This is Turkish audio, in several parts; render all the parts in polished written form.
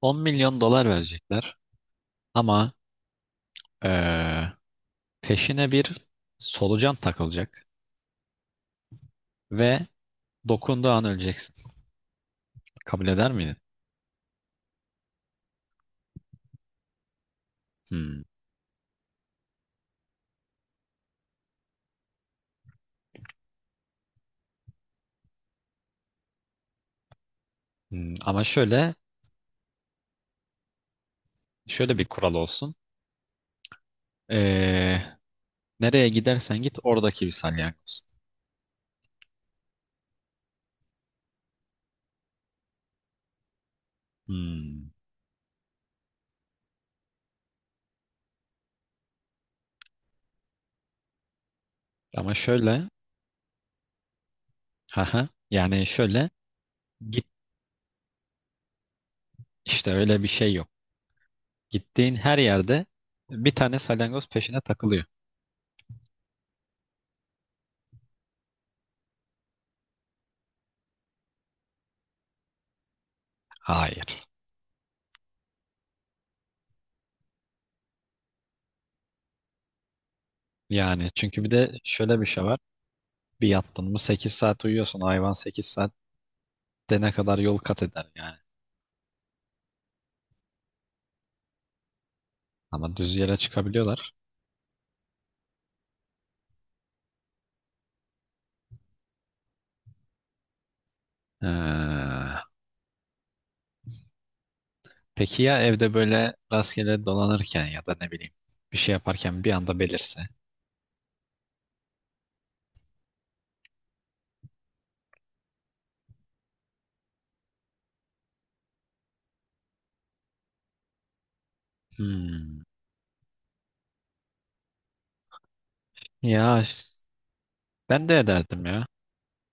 10 milyon dolar verecekler ama eee, peşine bir solucan takılacak ve dokunduğu an öleceksin. Kabul eder miydin? Hmm. Hmm. Ama şöyle bir kural olsun. Eee, nereye gidersen git oradaki bir salyangoz. Hmm. Ama şöyle haha, yani şöyle git işte öyle bir şey yok. Gittiğin her yerde bir tane salyangoz peşine takılıyor. Hayır. Yani çünkü bir de şöyle bir şey var. Bir yattın mı 8 saat uyuyorsun. Hayvan 8 saat de ne kadar yol kat eder yani. Ama düz yere çıkabiliyorlar. Ee, peki ya evde böyle rastgele dolanırken ya da ne bileyim bir şey yaparken bir anda belirse? Hmm. Ya ş- ben de ederdim ya.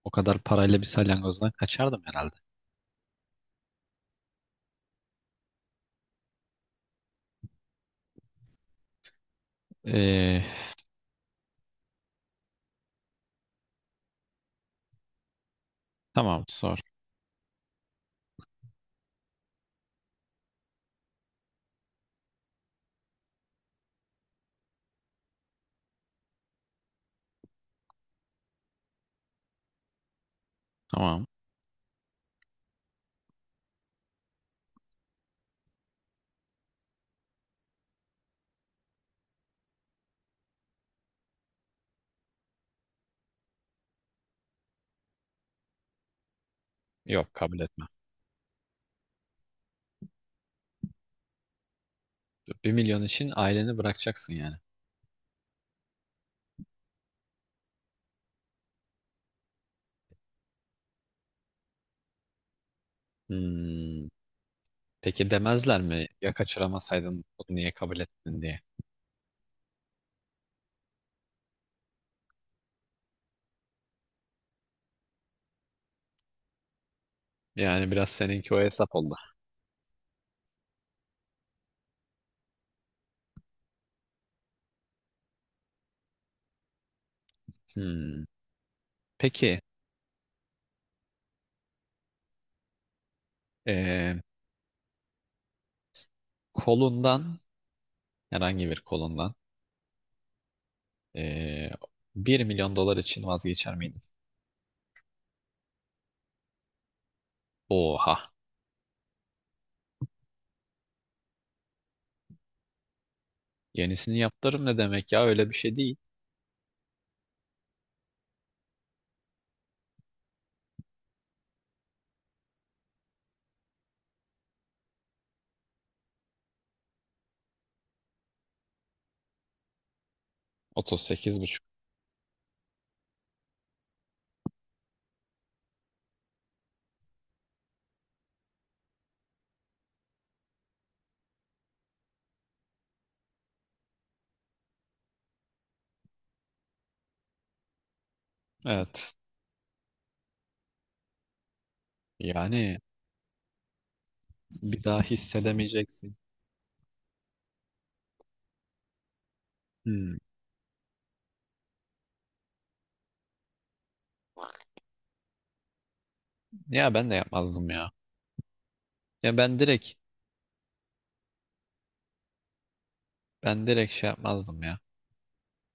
O kadar parayla bir salyangozdan kaçardım herhalde. Ee, tamam sor. Tamam. Yok kabul etmem. 1 milyon için aileni bırakacaksın yani. Hmm. Peki demezler mi ya kaçıramasaydın bunu niye kabul ettin diye? Yani biraz seninki o hesap oldu. Hmm. Peki eee, kolundan herhangi bir kolundan eee 1 milyon dolar için vazgeçer miydin? Oha. Yenisini yaptırım ne demek ya öyle bir şey değil. 38,5. Evet. Yani bir daha hissedemeyeceksin. Hmm. Ya ben de yapmazdım ya. Ya ben direkt şey yapmazdım ya.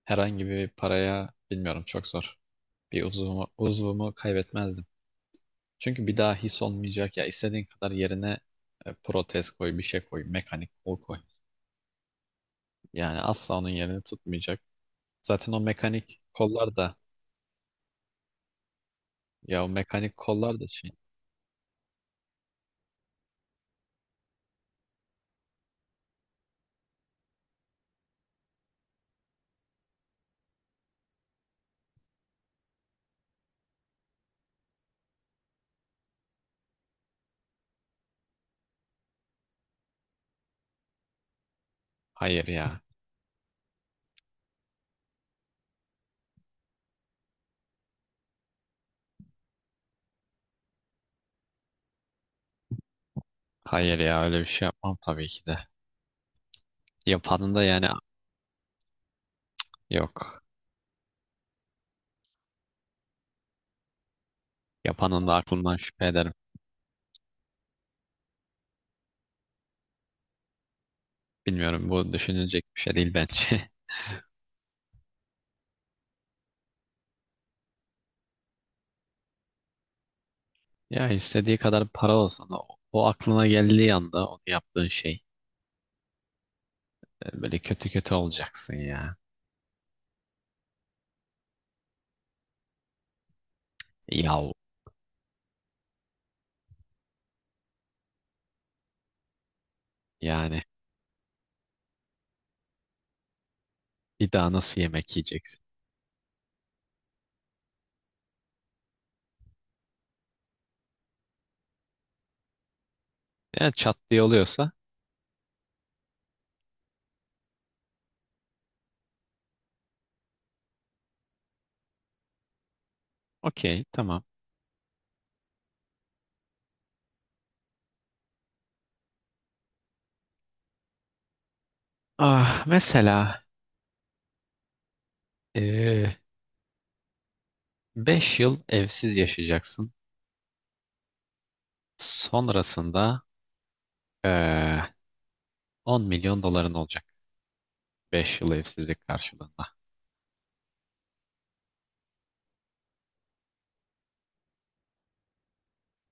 Herhangi bir paraya bilmiyorum çok zor. Bir uzvumu kaybetmezdim. Çünkü bir daha his olmayacak ya istediğin kadar yerine protez koy, bir şey koy, mekanik kol koy. Yani asla onun yerini tutmayacak. Zaten o mekanik kollar da ya o mekanik kollar da şey. Hayır ya. Hayır ya öyle bir şey yapmam tabii ki de. Yapanın da yani yok. Yapanın da aklından şüphe ederim. Bilmiyorum bu düşünülecek bir şey değil bence. Ya istediği kadar para olsun o aklına geldiği anda o yaptığın şey böyle kötü kötü olacaksın ya. Yahu yani. Bir daha nasıl yemek yiyeceksin? Yani çat diye oluyorsa okey tamam. Ah, mesela 5 yıl evsiz yaşayacaksın. Sonrasında eee 10 milyon doların olacak. 5 yıl evsizlik karşılığında.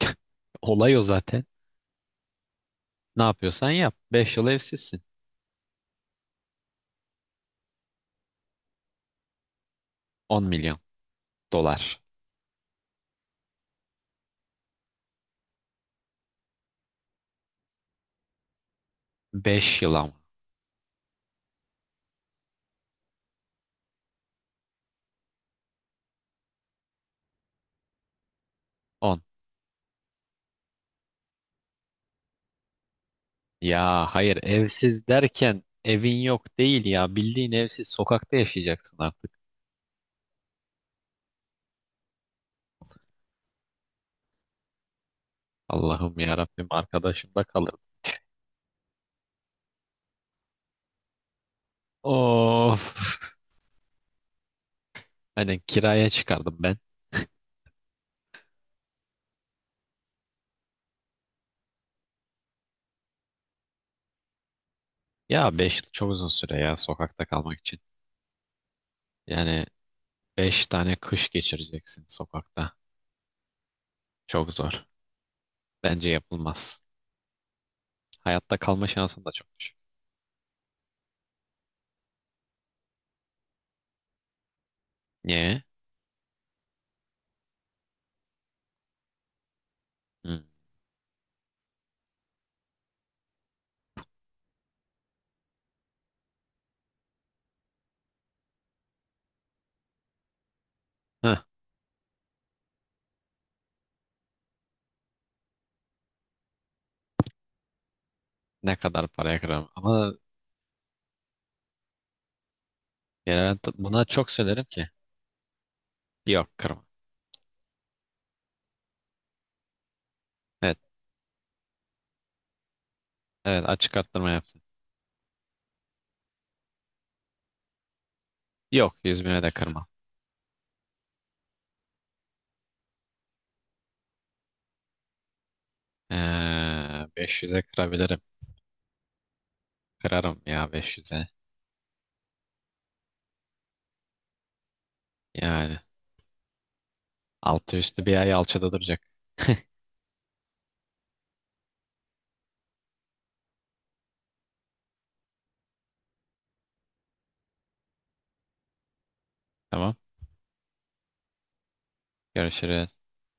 Olay o zaten. Ne yapıyorsan yap. 5 yıl evsizsin. 10 milyon dolar. 5 yıl ama. 10. Ya hayır evsiz derken evin yok değil ya. Bildiğin evsiz sokakta yaşayacaksın artık. Allah'ım ya Rabbim arkadaşım da kalır. Of. Hani kiraya çıkardım ben. Ya 5 yıl çok uzun süre ya sokakta kalmak için. Yani 5 tane kış geçireceksin sokakta. Çok zor. Bence yapılmaz. Hayatta kalma şansın da çok düşük. Niye? Hı. Heh, ne kadar paraya kırarım. Ama genel buna çok söylerim ki. Yok kırma. Evet, evet açık arttırma yapsın. Yok 100 bine de kırmam. Ee, 500'e kırabilirim. Kırarım ya 500'e. Yani altı üstü bir ay alçada duracak. Tamam. Görüşürüz.